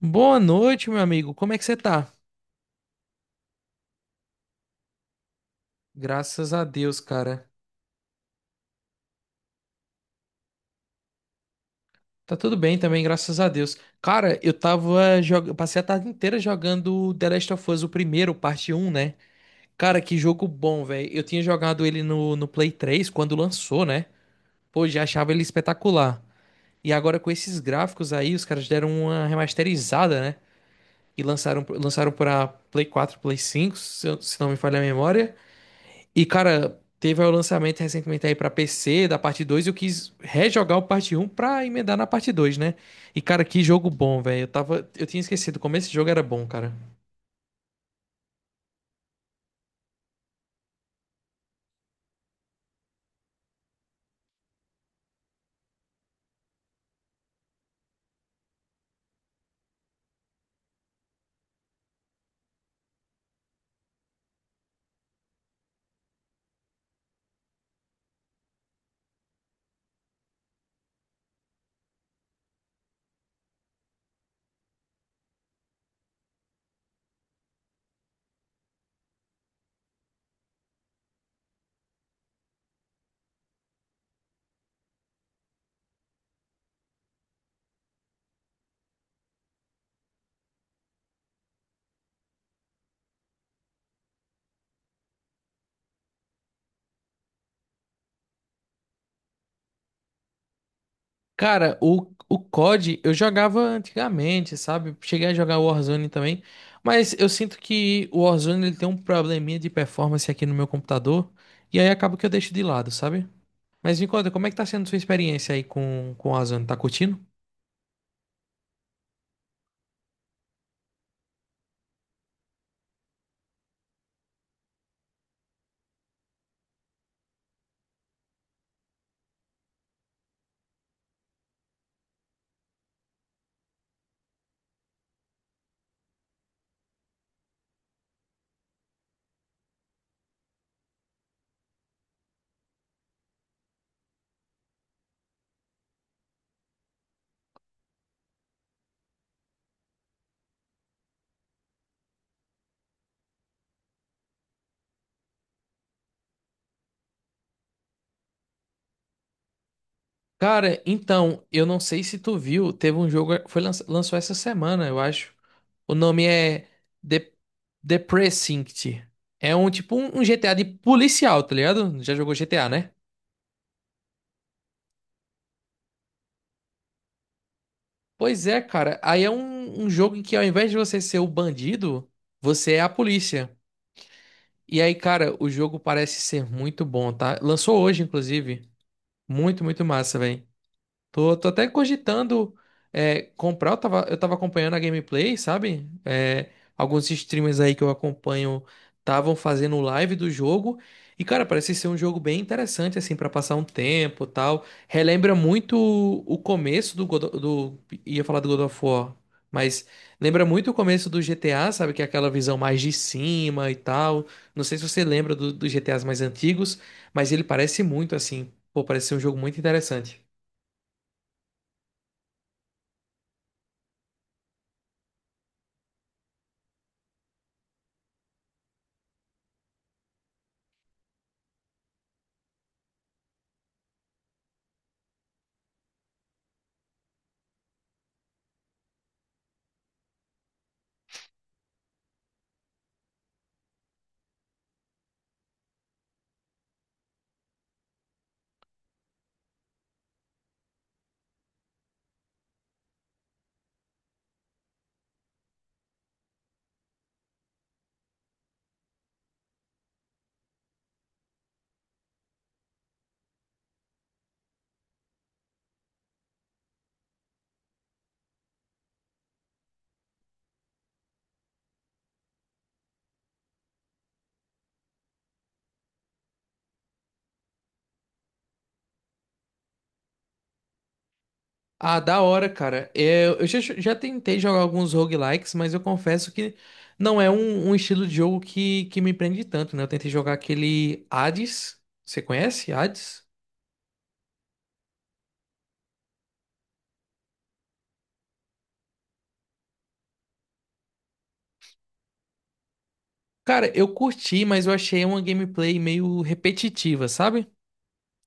Boa noite, meu amigo. Como é que você tá? Graças a Deus, cara. Tá tudo bem também, graças a Deus. Cara, eu tava jogando, passei a tarde inteira jogando The Last of Us, o primeiro, parte um, né? Cara, que jogo bom, velho. Eu tinha jogado ele no Play 3 quando lançou, né? Pô, já achava ele espetacular. E agora com esses gráficos aí, os caras deram uma remasterizada, né? E lançaram pra Play 4, Play 5, se não me falha a memória. E, cara, teve o lançamento recentemente aí pra PC da parte 2 e eu quis rejogar o parte um pra emendar na parte 2, né? E, cara, que jogo bom, velho. Eu tinha esquecido como esse jogo era bom, cara. Cara, o COD eu jogava antigamente, sabe? Cheguei a jogar o Warzone também, mas eu sinto que o Warzone ele tem um probleminha de performance aqui no meu computador e aí acaba que eu deixo de lado, sabe? Mas me conta, como é que tá sendo sua experiência aí com o Warzone? Tá curtindo? Cara, então, eu não sei se tu viu, teve um jogo, lançou essa semana, eu acho. O nome é The, The Precinct. É um tipo um GTA de policial, tá ligado? Já jogou GTA, né? Pois é, cara. Aí é um jogo em que ao invés de você ser o bandido, você é a polícia. E aí, cara, o jogo parece ser muito bom, tá? Lançou hoje, inclusive. Muito, muito massa, velho. Tô até cogitando comprar. Eu tava acompanhando a gameplay, sabe? Alguns streamers aí que eu acompanho estavam fazendo live do jogo. E, cara, parece ser um jogo bem interessante, assim, pra passar um tempo e tal. Relembra muito o começo do God of War, mas lembra muito o começo do GTA, sabe? Que é aquela visão mais de cima e tal. Não sei se você lembra dos GTAs mais antigos, mas ele parece muito, assim. Pô, parece ser um jogo muito interessante. Ah, da hora, cara. É, eu já tentei jogar alguns roguelikes, mas eu confesso que não é um estilo de jogo que me prende tanto, né? Eu tentei jogar aquele Hades. Você conhece Hades? Cara, eu curti, mas eu achei uma gameplay meio repetitiva, sabe?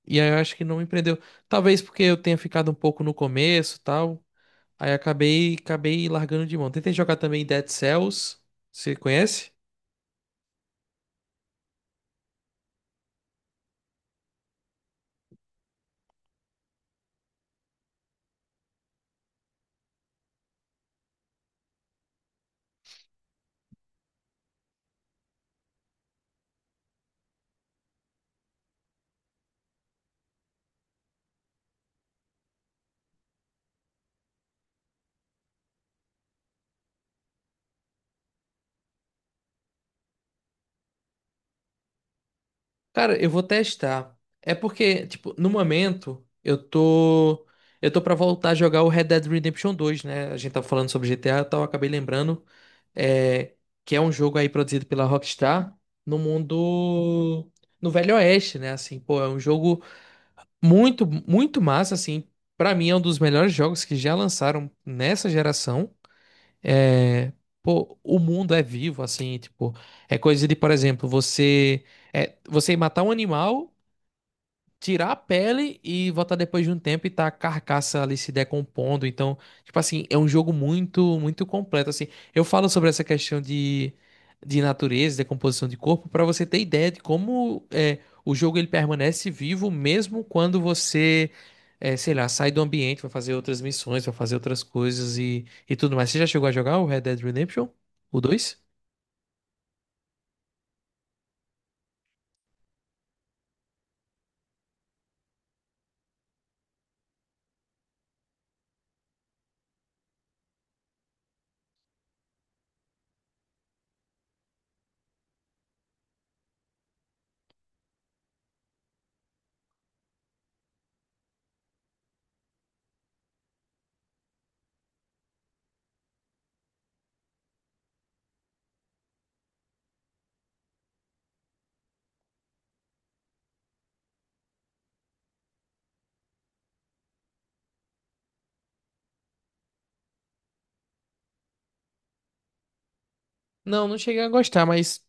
E aí eu acho que não me prendeu. Talvez porque eu tenha ficado um pouco no começo, e tal. Aí acabei largando de mão. Tentei jogar também Dead Cells. Você conhece? Cara, eu vou testar. É porque, tipo, no momento, eu tô. Eu tô pra voltar a jogar o Red Dead Redemption dois, né? A gente tava falando sobre GTA e tal, eu acabei lembrando. É, que é um jogo aí produzido pela Rockstar no mundo. No Velho Oeste, né? Assim, pô, é um jogo muito, muito massa, assim. Pra mim, é um dos melhores jogos que já lançaram nessa geração. É. Pô, o mundo é vivo, assim, tipo. É coisa de, por exemplo, você. É, você matar um animal, tirar a pele e voltar depois de um tempo e tá a carcaça ali se decompondo. Então, tipo assim, é um jogo muito, muito completo, assim. Eu falo sobre essa questão de natureza, decomposição de corpo, para você ter ideia de como é, o jogo ele permanece vivo mesmo quando você, sei lá, sai do ambiente, vai fazer outras missões, vai fazer outras coisas e tudo mais. Você já chegou a jogar o Red Dead Redemption? O dois. Não, não cheguei a gostar, mas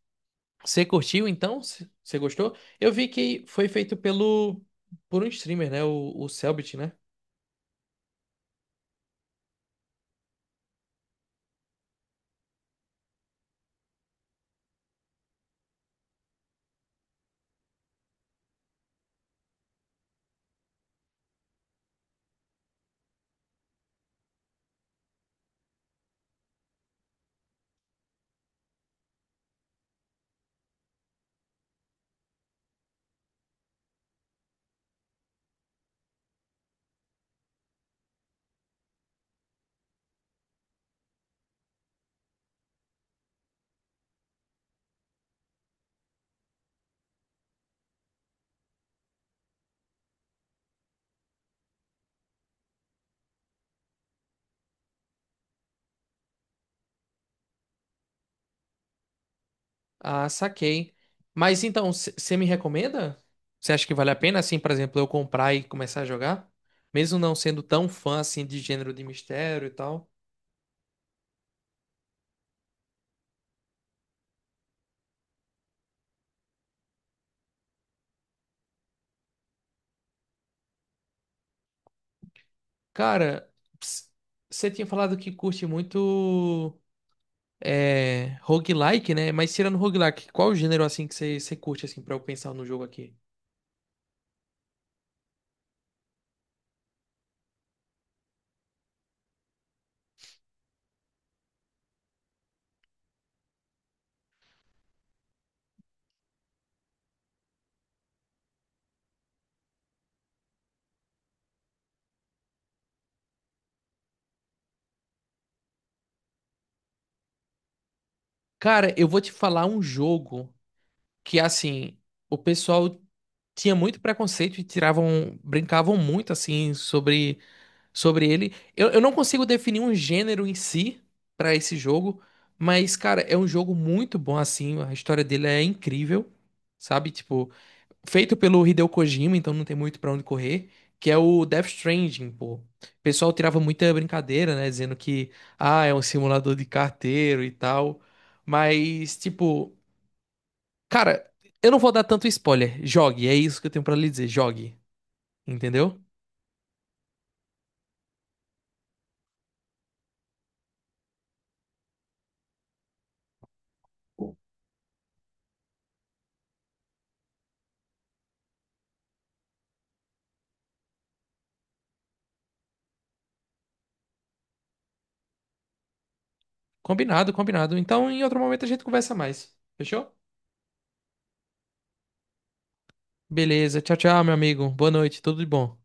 você curtiu então? Você gostou? Eu vi que foi feito pelo por um streamer, né? O Cellbit, né? Ah, saquei. Mas então, você me recomenda? Você acha que vale a pena, assim, por exemplo, eu comprar e começar a jogar? Mesmo não sendo tão fã, assim, de gênero de mistério e tal. Cara, ps- você tinha falado que curte muito roguelike, né? Mas tirando roguelike, qual o gênero, assim, que você curte, assim, pra eu pensar no jogo aqui? Cara, eu vou te falar um jogo. Que assim, o pessoal tinha muito preconceito e tiravam, brincavam muito assim sobre ele. Eu não consigo definir um gênero em si pra esse jogo, mas cara, é um jogo muito bom assim, a história dele é incrível, sabe? Tipo, feito pelo Hideo Kojima, então não tem muito pra onde correr, que é o Death Stranding, pô. O pessoal tirava muita brincadeira, né, dizendo que ah, é um simulador de carteiro e tal. Mas, tipo, cara, eu não vou dar tanto spoiler. Jogue, é isso que eu tenho pra lhe dizer. Jogue, entendeu? Combinado, combinado. Então, em outro momento a gente conversa mais. Fechou? Beleza. Tchau, tchau, meu amigo. Boa noite. Tudo de bom.